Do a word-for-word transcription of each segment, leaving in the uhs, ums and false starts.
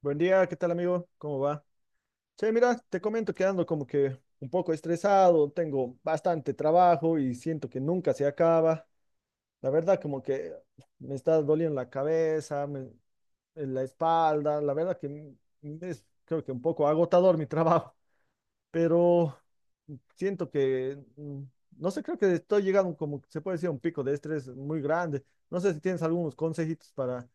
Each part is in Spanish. Buen día, ¿qué tal amigo? ¿Cómo va? Che, mira, te comento que ando como que un poco estresado, tengo bastante trabajo y siento que nunca se acaba. La verdad como que me está doliendo la cabeza, me- en la espalda, la verdad que m- es creo que un poco agotador mi trabajo, pero siento que, mm, no sé, creo que estoy llegando como, se puede decir, a un pico de estrés muy grande. No sé si tienes algunos consejitos para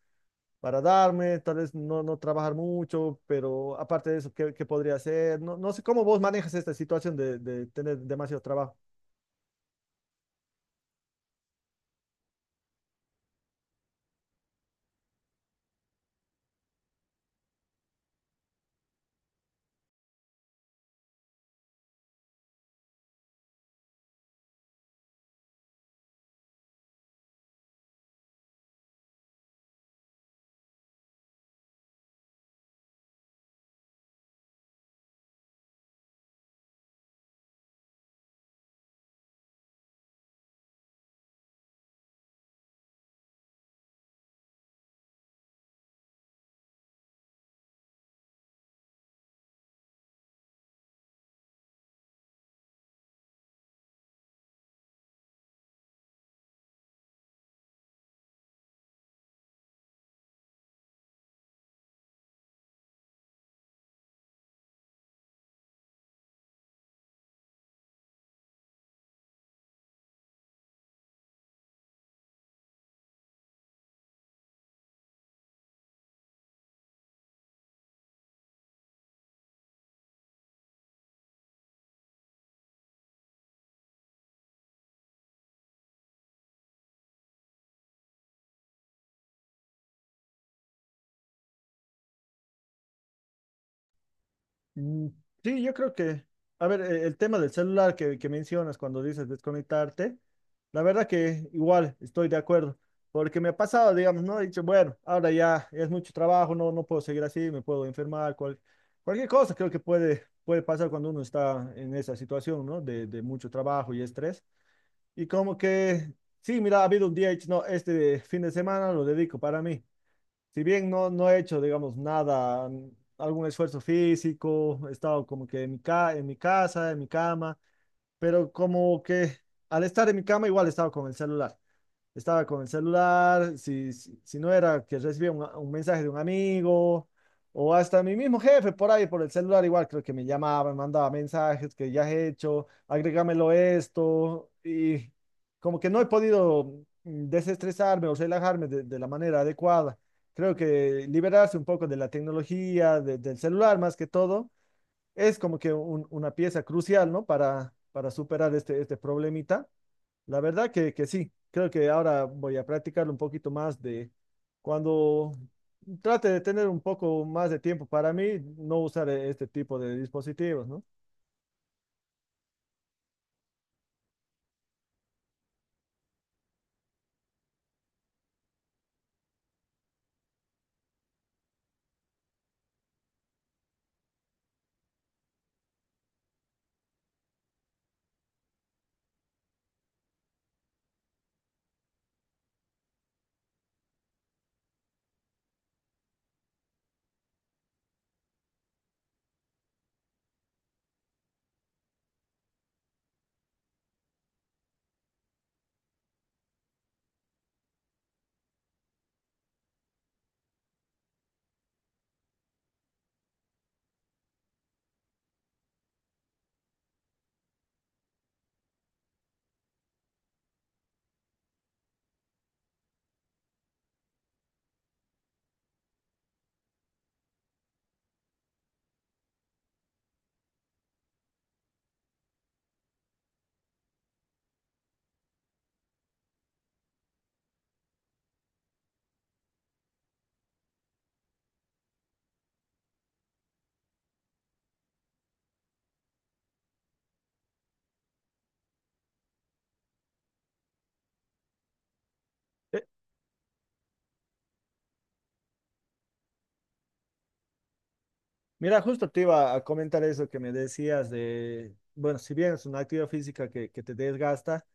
para darme, tal vez no, no trabajar mucho, pero aparte de eso, ¿qué, qué podría hacer? No, no sé cómo vos manejas esta situación de, de tener demasiado trabajo. Mm, sí, yo creo que, a ver, e- el tema del celular que, que mencionas cuando dices desconectarte, la verdad que igual estoy de acuerdo, porque me ha pasado, digamos, ¿no? He dicho, bueno, ahora ya es mucho trabajo, no, no puedo seguir así, me puedo enfermar, cual- cualquier cosa creo que puede, puede pasar cuando uno está en esa situación, ¿no? De, de mucho trabajo y estrés. Y como que, sí, mira, ha habido un día, he dicho, no, este fin de semana lo dedico para mí. Si bien no, no he hecho, digamos, nada, mm, algún esfuerzo físico, he estado como que en mi, ca en mi casa, en mi cama, pero como que al estar en mi cama igual he estado con el celular, estaba con el celular, si, si, si no era que recibía un, un mensaje de un amigo, o hasta mi mismo jefe por ahí, por el celular, igual creo que me llamaba, me mandaba mensajes que ya he hecho, agrégamelo esto, y como que no he podido, mm, desestresarme o relajarme de, de la manera adecuada. Creo que liberarse un poco de la tecnología, de- del celular más que todo, es como que un- una pieza crucial, ¿no? Para, para superar este, este problemita. La verdad que, que sí, creo que ahora voy a practicar un poquito más de cuando trate de tener un poco más de tiempo para mí, no usar eh, este tipo de dispositivos, ¿no? Eh, mira, justo te iba a comentar eso que me decías de, bueno, si bien es una actividad física que, que te desgasta,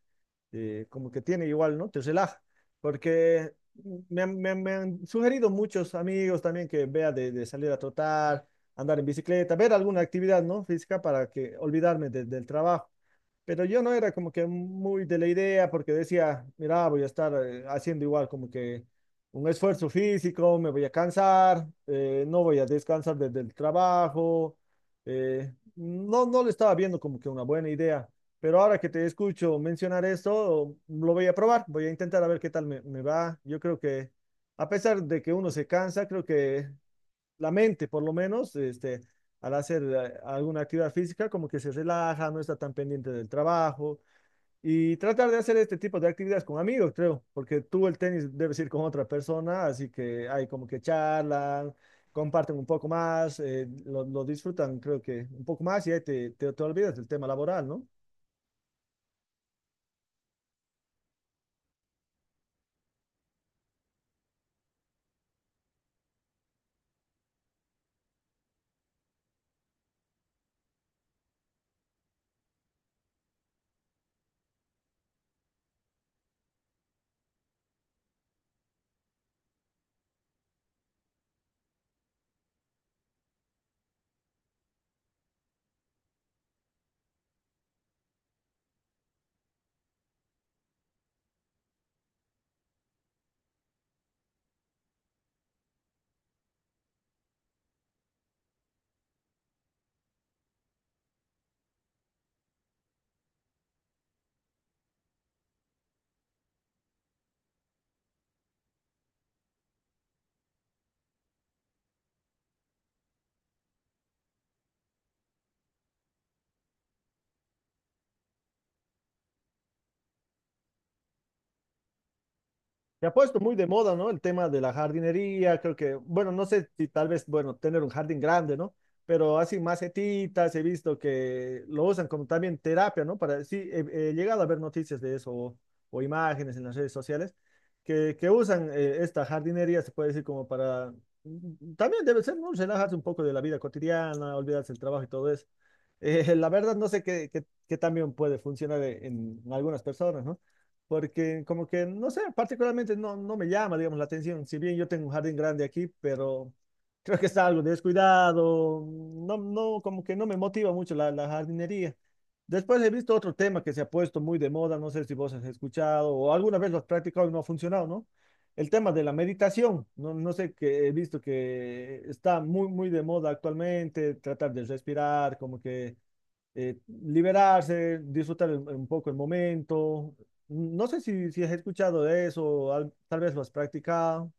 eh, como que tiene igual, ¿no? Te relaja, porque me, han- me han me han sugerido muchos amigos también que vea de, de salir a trotar, andar en bicicleta, ver alguna actividad, ¿no? Física para que olvidarme de- del trabajo. Pero yo no era como que muy de la idea porque decía, mira, voy a estar eh, haciendo igual como que un esfuerzo físico, me voy a cansar, eh, no voy a descansar desde el trabajo. Eh, no, no le estaba viendo como que una buena idea. Pero ahora que te escucho mencionar esto, lo voy a probar, voy a intentar a ver qué tal me, me va. Yo creo que a pesar de que uno se cansa, creo que la mente, por lo menos, este, al hacer eh, alguna actividad física, como que se relaja, no está tan pendiente del trabajo. Y tratar de hacer este tipo de actividades con amigos, creo, porque tú el tenis debes ir con otra persona, así que hay como que charlan, comparten un poco más, eh, lo, lo disfrutan, creo que un poco más y ahí te, te, te olvidas del tema laboral, ¿no? Se ha puesto muy de moda, ¿no? El tema de la jardinería, creo que, bueno, no sé si tal vez, bueno, tener un jardín grande, ¿no? Pero así macetitas, he visto que lo usan como también terapia, ¿no? Para, sí, he, he llegado a ver noticias de eso, o, o imágenes en las redes sociales que, que usan eh, esta jardinería, se puede decir, como para, mm, también debe ser, ¿no? Relajarse un poco de la vida cotidiana, olvidarse del trabajo y todo eso. Eh, la verdad, no sé qué, qué, qué también puede funcionar en en algunas personas, ¿no? Porque como que, no sé, particularmente no, no me llama, digamos, la atención. Si bien yo tengo un jardín grande aquí, pero creo que está algo descuidado, no, no, como que no me motiva mucho la, la jardinería. Después he visto otro tema que se ha puesto muy de moda, no sé si vos has escuchado o alguna vez lo has practicado y no ha funcionado, ¿no? El tema de la meditación, no, no sé, que he visto que está muy, muy de moda actualmente, tratar de respirar, como que eh, liberarse, disfrutar el- un poco el momento. No sé si, si has escuchado de eso, al- tal vez lo has practicado.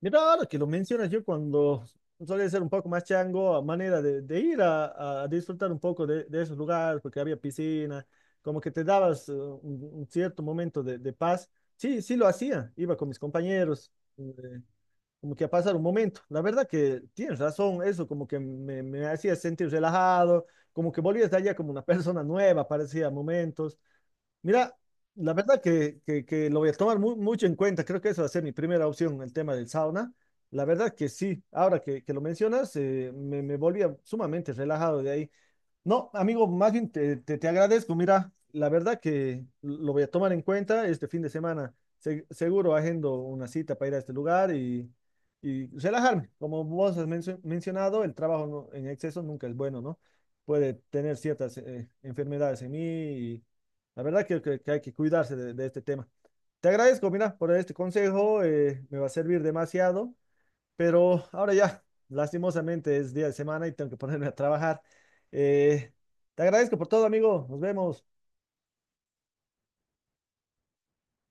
Mira, ahora que lo mencionas, yo cuando solía ser un poco más chango, a manera de, de ir a, a disfrutar un poco de, de esos lugares, porque había piscina, como que te dabas eh, un, un cierto momento de, de paz. Sí, sí lo hacía, iba con mis compañeros, eh, como que a pasar un momento. La verdad que tienes razón, eso como que me, me hacía sentir relajado, como que volvías de allá como una persona nueva, parecía a momentos. Mira, la verdad que, que- que lo voy a tomar mu- mucho en cuenta. Creo que eso va a ser mi primera opción, el tema del sauna. La verdad que sí, ahora que, que lo mencionas, eh, me, me volvía sumamente relajado de ahí. No, amigo, más bien te, te, te agradezco. Mira, la verdad que lo voy a tomar en cuenta este fin de semana. Se- seguro agendo una cita para ir a este lugar y, y relajarme. Como vos has mencio- mencionado, el trabajo no- en exceso nunca es bueno, ¿no? Puede tener ciertas eh, enfermedades en mí, y la verdad que, que- que hay que cuidarse de, de este tema. Te agradezco, mira, por este consejo. Eh, me va a servir demasiado. Pero ahora ya, lastimosamente es día de semana y tengo que ponerme a trabajar. Eh, te agradezco por todo, amigo. Nos vemos.